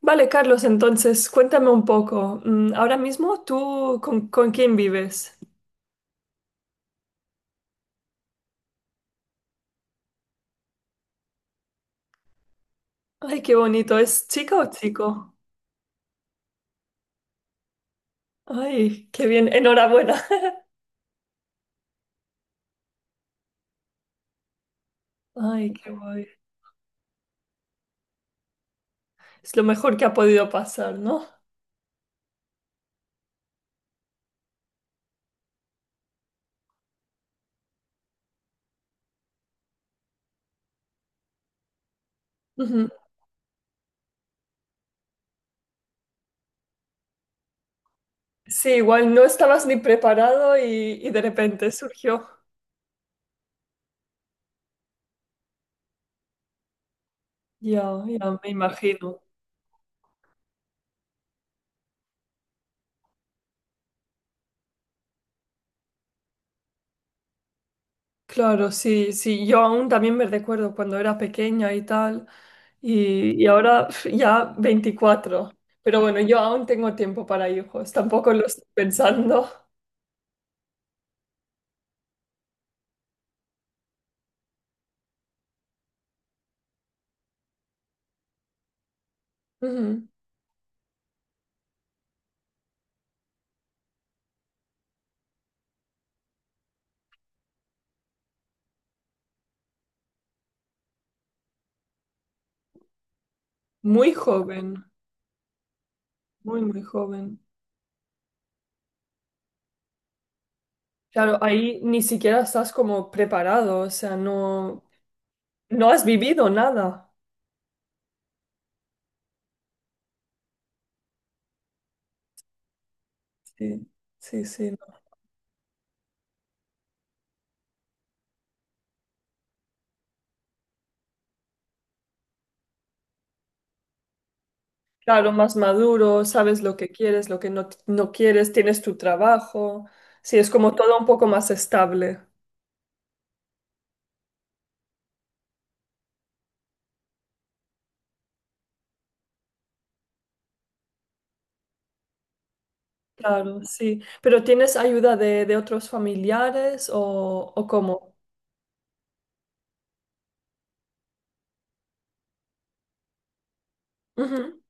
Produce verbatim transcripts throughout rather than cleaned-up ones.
Vale, Carlos, entonces cuéntame un poco. mm, Ahora mismo, ¿tú con, con quién vives? Ay, qué bonito. ¿Es chica o chico? Ay, qué bien. Enhorabuena. Ay, qué guay. Es lo mejor que ha podido pasar, ¿no? Ujú. Sí, igual no estabas ni preparado y, y de repente surgió. Ya, ya me imagino. Claro, sí, sí, yo aún también me recuerdo cuando era pequeña y tal, y, y ahora pf, ya veinticuatro, pero bueno, yo aún tengo tiempo para hijos, tampoco lo estoy pensando. Ujú. Muy joven, muy, muy joven. Claro, ahí ni siquiera estás como preparado, o sea, no, no has vivido nada. Sí, sí, sí. No. Claro, más maduro, sabes lo que quieres, lo que no, no quieres, tienes tu trabajo, sí, es como todo un poco más estable. Claro, sí. ¿Pero tienes ayuda de, de otros familiares o, o cómo? Ujú.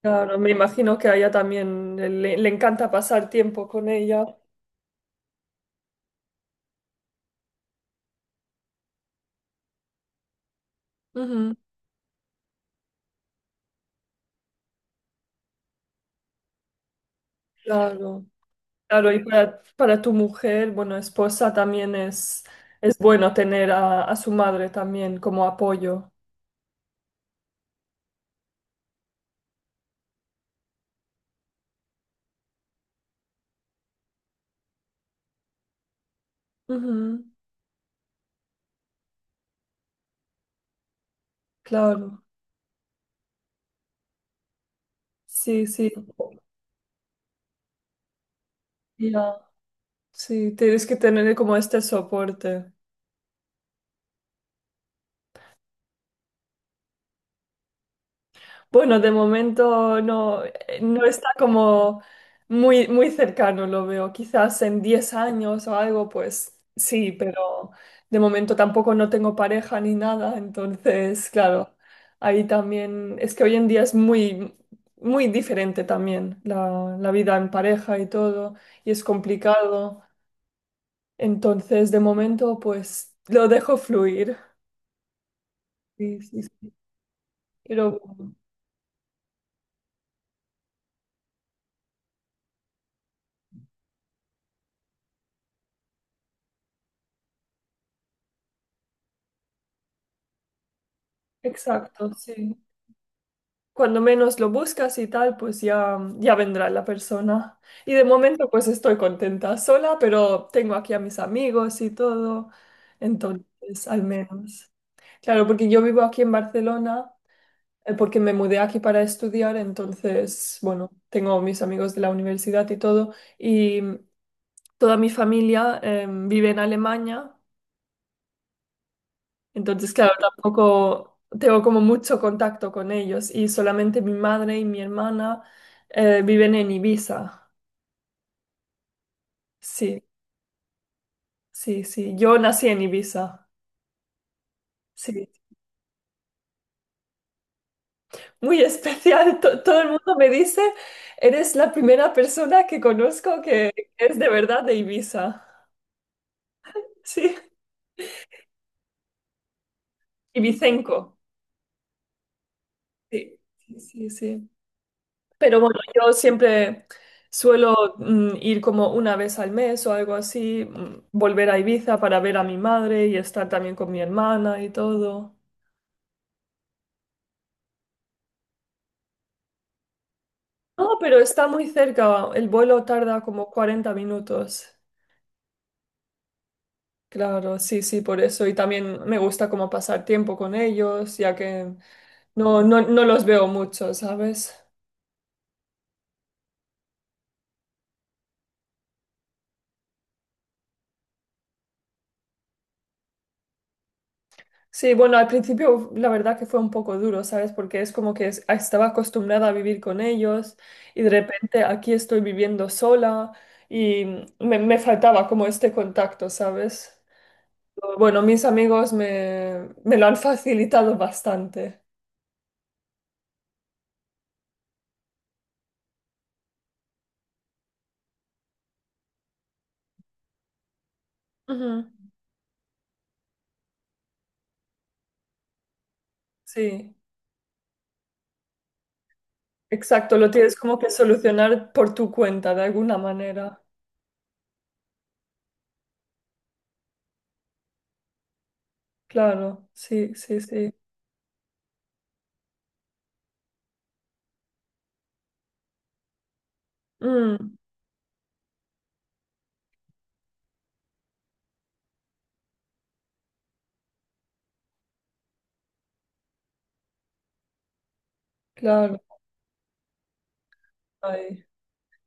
Claro, me imagino que a ella también le, le encanta pasar tiempo con ella. Ujú. Claro, claro, y para, para tu mujer, bueno, esposa también es, es bueno tener a, a su madre también como apoyo. Ujú. Claro, sí, sí. Ya, sí, tienes que tener como este soporte. Bueno, de momento no, eh, no está como muy, muy cercano, lo veo. Quizás en diez años o algo, pues sí, pero de momento tampoco no tengo pareja ni nada. Entonces, claro, ahí también es que hoy en día es muy, muy diferente también la, la vida en pareja y todo, y es complicado. Entonces, de momento, pues lo dejo fluir. Sí, sí, sí. Pero, exacto, sí. Cuando menos lo buscas y tal, pues ya, ya vendrá la persona. Y de momento pues estoy contenta sola, pero tengo aquí a mis amigos y todo. Entonces, al menos. Claro, porque yo vivo aquí en Barcelona, eh, porque me mudé aquí para estudiar, entonces, bueno, tengo mis amigos de la universidad y todo. Y toda mi familia, eh, vive en Alemania. Entonces, claro, tampoco tengo como mucho contacto con ellos y solamente mi madre y mi hermana eh, viven en Ibiza. Sí, sí, sí. Yo nací en Ibiza. Sí. Muy especial. To- todo el mundo me dice, eres la primera persona que conozco que es de verdad de Ibiza. Sí. Ibicenco. Sí, sí, sí. Sí. Pero bueno, yo siempre suelo mm, ir como una vez al mes o algo así, mm, volver a Ibiza para ver a mi madre y estar también con mi hermana y todo. No, pero está muy cerca, el vuelo tarda como cuarenta minutos. Claro, sí, sí, por eso. Y también me gusta como pasar tiempo con ellos, ya que no, no, no los veo mucho, ¿sabes? Sí, bueno, al principio la verdad que fue un poco duro, ¿sabes? Porque es como que es- ah, estaba acostumbrada a vivir con ellos y de repente aquí estoy viviendo sola y me, me faltaba como este contacto, ¿sabes? Bueno, mis amigos me, me lo han facilitado bastante. Ujú. Sí, exacto, lo tienes como que solucionar por tu cuenta de alguna manera. Claro, sí, sí, sí. Mm, claro. Ay.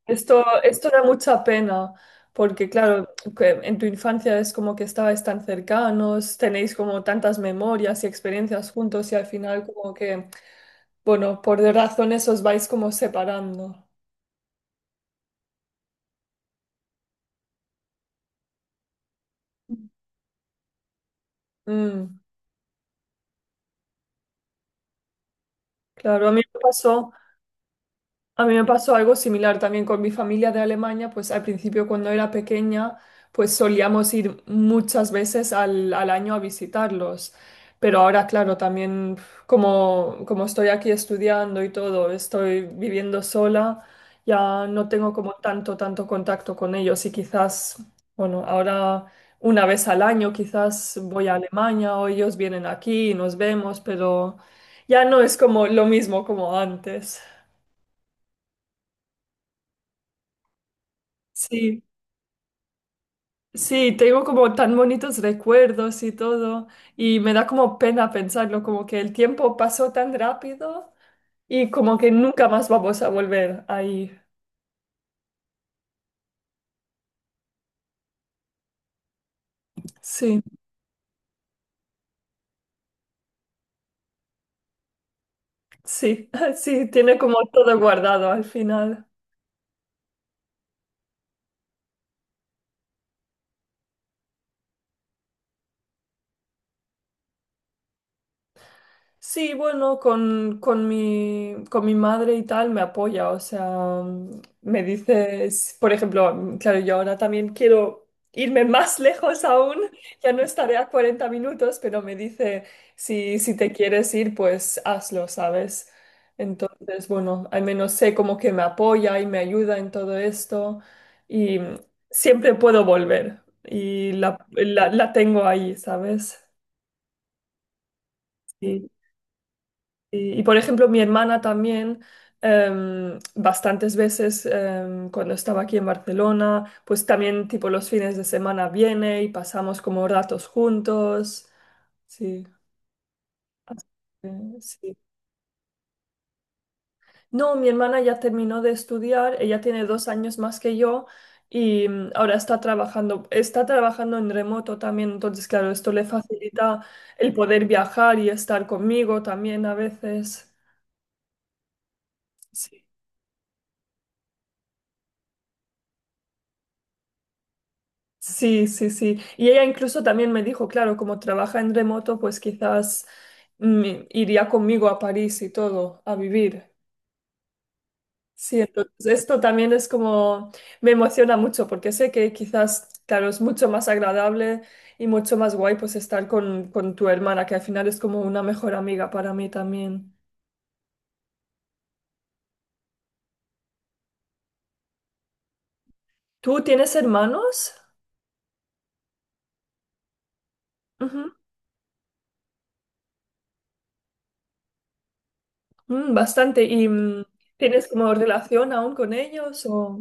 Esto, esto da mucha pena, porque claro, que en tu infancia es como que estabais tan cercanos, tenéis como tantas memorias y experiencias juntos y al final como que, bueno, por razones os vais como separando. Mm, claro, a mí me pasó. A mí me pasó algo similar también con mi familia de Alemania, pues al principio cuando era pequeña, pues solíamos ir muchas veces al, al año a visitarlos. Pero ahora, claro, también como, como estoy aquí estudiando y todo, estoy viviendo sola, ya no tengo como tanto, tanto contacto con ellos y quizás, bueno, ahora una vez al año quizás voy a Alemania o ellos vienen aquí y nos vemos, pero ya no es como lo mismo como antes. Sí. Sí, tengo como tan bonitos recuerdos y todo, y me da como pena pensarlo, como que el tiempo pasó tan rápido y como que nunca más vamos a volver ahí. Sí, sí, sí, tiene como todo guardado al final. Sí, bueno, con, con mi, con mi madre y tal me apoya, o sea, mm, me dices, por ejemplo, mm, claro, yo ahora también quiero irme más lejos aún, ya no estaré a cuarenta minutos, pero me dice, si, si te quieres ir, pues hazlo, ¿sabes? Entonces, bueno, al menos sé como que me apoya y me ayuda en todo esto y mm, siempre puedo volver y la, la, la tengo ahí, ¿sabes? Sí. Y, y, por ejemplo, mi hermana también, em, bastantes veces em, cuando estaba aquí en Barcelona, pues también tipo los fines de semana viene y pasamos como ratos juntos. Sí. Así que, sí. No, mi hermana ya terminó de estudiar, ella tiene dos años más que yo y mm, ahora está trabajando, está trabajando en remoto también, entonces claro, esto le facilita el poder viajar y estar conmigo también a veces. Sí. Sí, sí, sí. Y ella incluso también me dijo, claro, como trabaja en remoto, pues quizás mm, iría conmigo a París y todo, a vivir. Sí, entonces esto también es como, me emociona mucho porque sé que quizás, claro, es mucho más agradable y mucho más guay pues estar con, con tu hermana, que al final es como una mejor amiga para mí también. ¿Tú tienes hermanos? Ujú. Mm, bastante. ¿Y mm, tienes como relación aún con ellos o?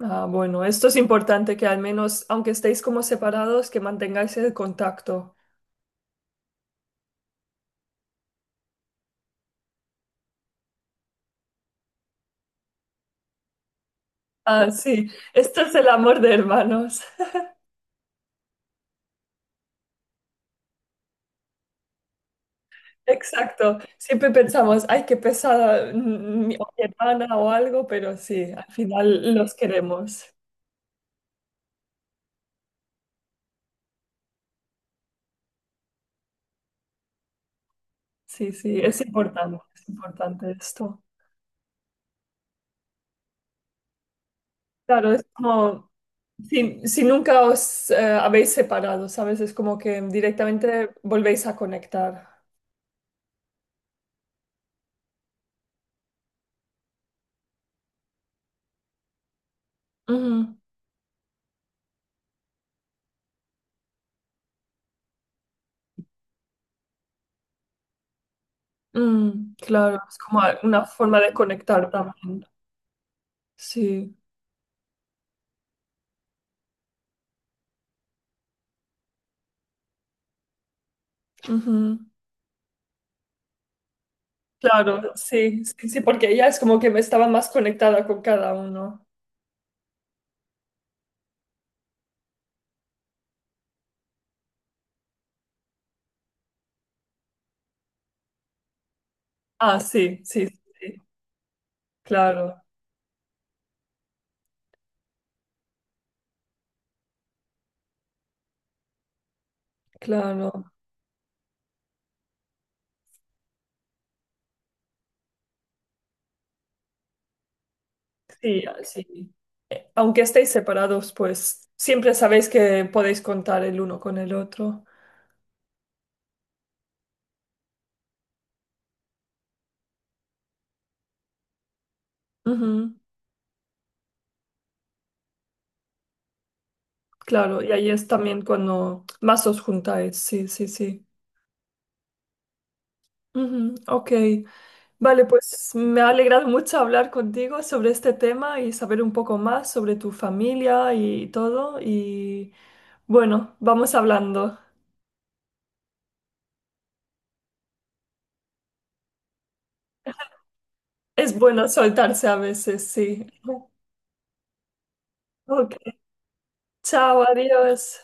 Ah, bueno, esto es importante que al menos, aunque estéis como separados, que mantengáis el contacto. Ah, sí, esto es el amor de hermanos. Exacto. Siempre pensamos, ay, qué pesada mm, mi, o mi hermana o algo, pero sí, al final los queremos. Sí, sí, es importante, es importante esto. Claro, es como, si, si nunca os eh, habéis separado, ¿sabes? Es como que directamente volvéis a conectar. Ujú. Mm, claro, es como una forma de conectar también. Sí, ujú. Claro, sí, sí, sí, porque ella es como que me estaba más conectada con cada uno. Ah, sí, sí, sí, claro, claro. Sí, ah, sí. Eh, Aunque estéis separados, pues siempre sabéis que podéis contar el uno con el otro. Ujú, claro, y ahí es también cuando más os juntáis, sí, sí, sí. Ujú, ok, vale, pues me ha alegrado mucho hablar contigo sobre este tema y saber un poco más sobre tu familia y todo. Y bueno, vamos hablando. Es bueno soltarse a veces, sí. Ok, chao, adiós.